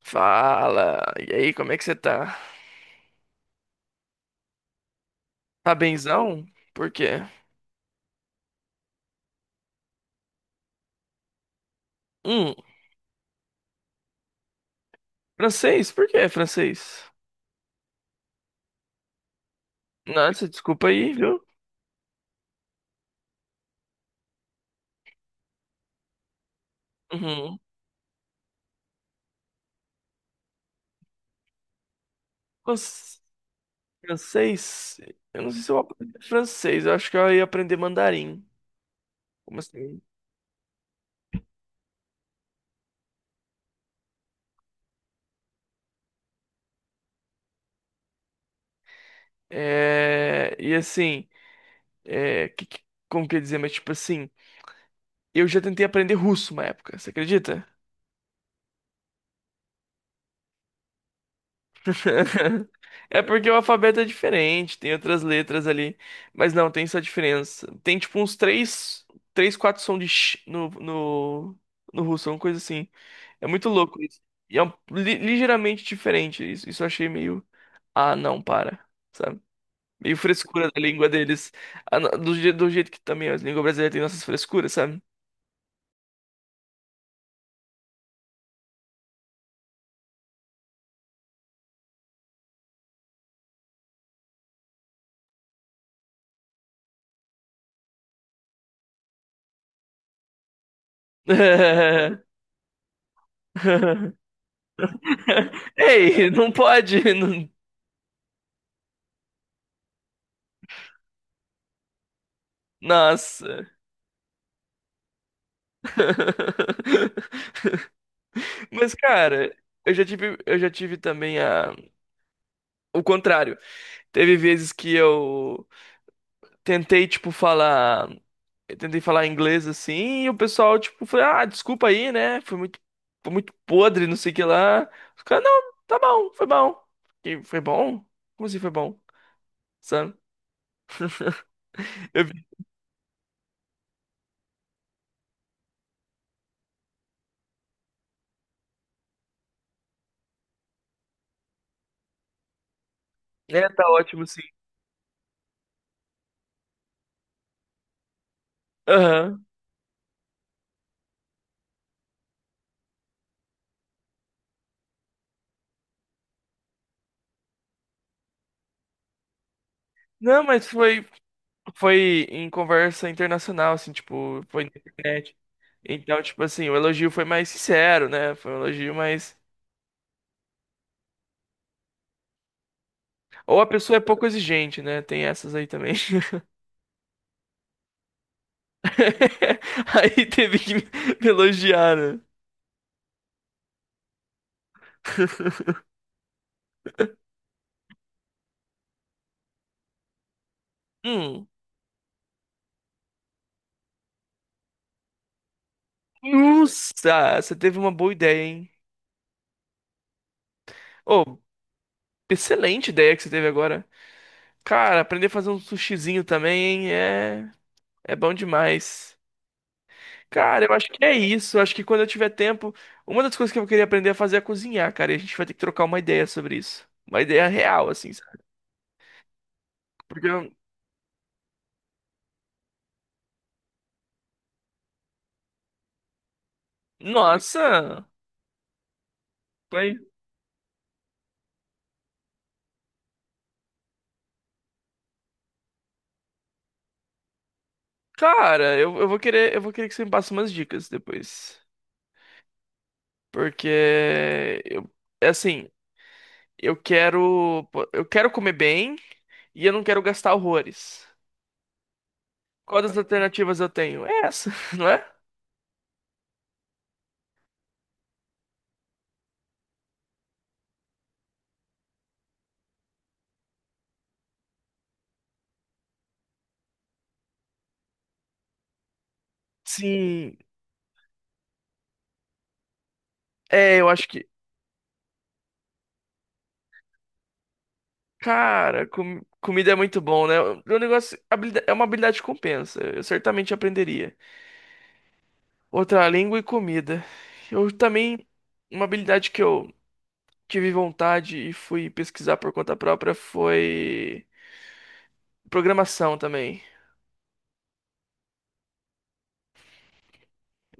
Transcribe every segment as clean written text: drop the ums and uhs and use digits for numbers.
Fala! E aí, como é que você tá? Tá benzão? Por quê? Hum, francês? Por que é francês? Nossa, desculpa aí, viu? Uhum. Fran- Francês? Eu não sei se eu aprendi francês, eu acho que eu ia aprender mandarim. Como assim? E assim, é... que- que- como que eu ia dizer? Mas tipo assim, eu já tentei aprender russo uma época, você acredita? É porque o alfabeto é diferente, tem outras letras ali, mas não, tem essa diferença. Tem tipo uns três, três, quatro sons de sh no russo, uma coisa assim. É muito louco isso. E é ligeiramente diferente isso. Isso eu achei meio. Ah, não, para. Sabe? Meio frescura da língua deles. Ah, não, do jeito que também a língua brasileira tem nossas frescuras, sabe? Ei, não pode. Nossa. Mas, cara, eu já tive também o contrário. Teve vezes que tentei, tipo, falar, eu tentei falar inglês assim, e o pessoal, tipo, foi, ah, desculpa aí, né? Foi muito podre, não sei o que lá. Os caras, não, tá bom, foi bom. E foi bom? Como assim foi bom? Sabe? Eu, é, tá ótimo, sim. Aham. Não, mas foi. Foi em conversa internacional, assim, tipo, foi na internet. Então, tipo assim, o elogio foi mais sincero, né? Foi um elogio mais. Ou a pessoa é pouco exigente, né? Tem essas aí também. Aí teve que me elogiar, né? Hum. Nossa, você teve uma boa ideia, hein? Oh, excelente ideia que você teve agora. Cara, aprender a fazer um sushizinho também, hein? É, é bom demais. Cara, eu acho que é isso. Eu acho que quando eu tiver tempo, uma das coisas que eu queria aprender a fazer é cozinhar, cara. E a gente vai ter que trocar uma ideia sobre isso. Uma ideia real, assim, sabe? Porque, eu- nossa, mas, cara, eu vou querer que você me passe umas dicas depois. Porque eu, é assim, eu quero, eu quero comer bem e eu não quero gastar horrores. Quais das alternativas eu tenho? É essa, não é? Sim, é, eu acho que cara, comida é muito bom, né? O negócio é uma habilidade que compensa. Eu certamente aprenderia. Outra língua e comida. Eu também, uma habilidade que eu tive vontade e fui pesquisar por conta própria foi programação também.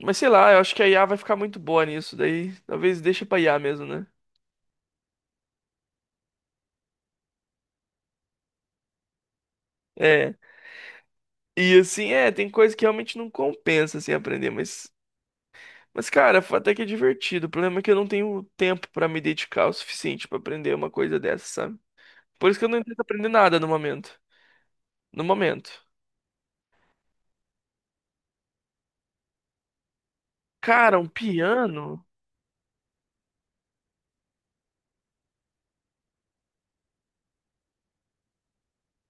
Mas sei lá, eu acho que a IA vai ficar muito boa nisso, daí talvez deixe pra IA mesmo, né? É. E assim, é, tem coisa que realmente não compensa assim aprender, mas, cara, foi até que é divertido. O problema é que eu não tenho tempo pra me dedicar o suficiente pra aprender uma coisa dessa, sabe? Por isso que eu não tento aprender nada no momento. No momento. Cara, um piano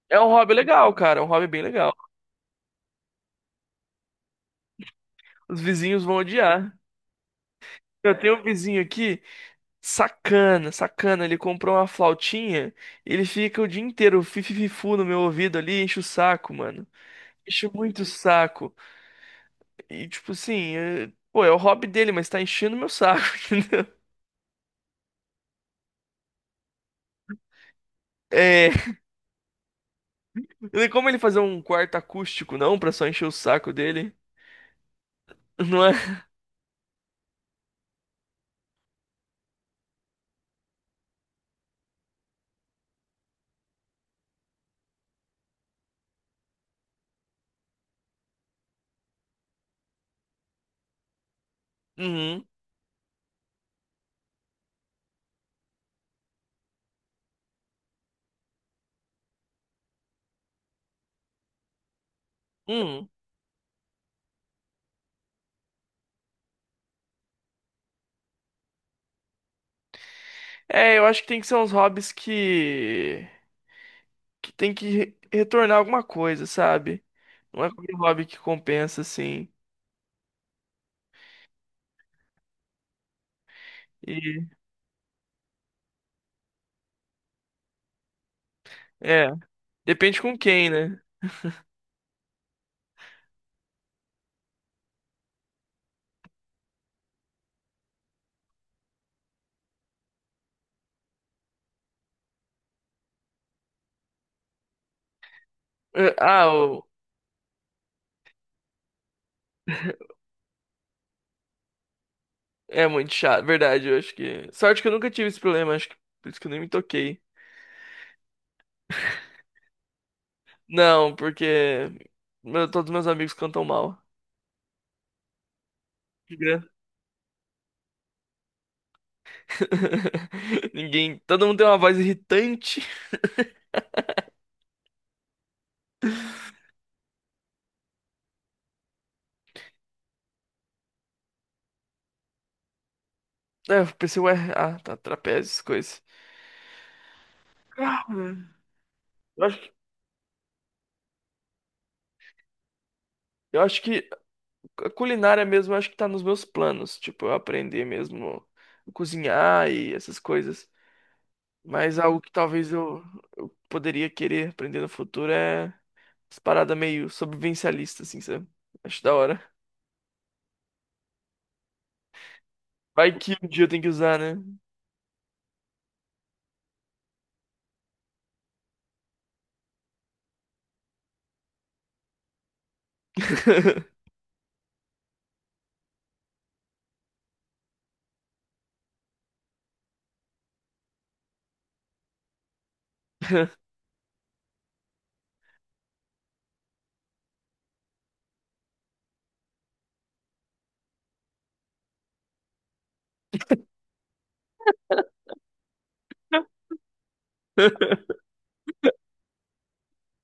é um hobby legal, cara. É um hobby bem legal. Os vizinhos vão odiar. Eu tenho um vizinho aqui, sacana, sacana. Ele comprou uma flautinha, ele fica o dia inteiro fifififu no meu ouvido ali, enche o saco, mano. Enche muito o saco. E, tipo assim, pô, é o hobby dele, mas tá enchendo meu saco, entendeu? É. E como ele fazer um quarto acústico, não? Pra só encher o saco dele? Não é? Uhum, uhum. É, eu acho que tem que ser uns hobbies que... Que tem que retornar alguma coisa, sabe? Não é qualquer hobby que compensa, assim. E... É, depende com quem, né? É, ah, é muito chato, verdade, eu acho que... Sorte que eu nunca tive esse problema, acho que... Por isso que eu nem me toquei. Não, porque... todos meus amigos cantam mal. Que gra- Ninguém... Todo mundo tem uma voz irritante. É, eu pensei, ué, ah, tá, trapézios, coisas. Ah, Eu acho, que- eu acho que a culinária mesmo, eu acho que tá nos meus planos. Tipo, eu aprender mesmo a cozinhar e essas coisas. Mas algo que talvez eu poderia querer aprender no futuro é as paradas meio sobrevivencialista, assim, sabe? Acho da hora. Vai que um dia eu tenho que usar, né?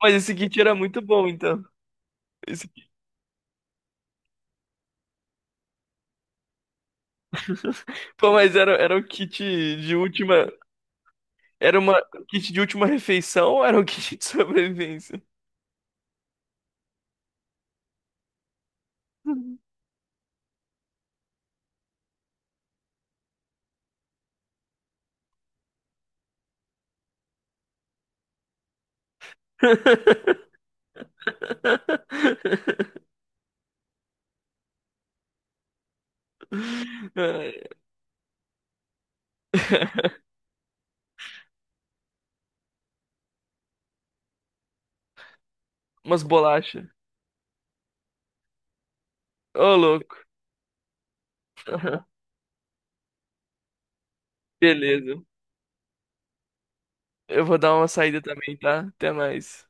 Mas esse kit era muito bom, então. Esse... Pô, era o kit de última. Era uma um kit de última refeição ou era um kit de sobrevivência? Ai. Umas bolachas. Ô, louco. Beleza. Eu vou dar uma saída também, tá? Até mais.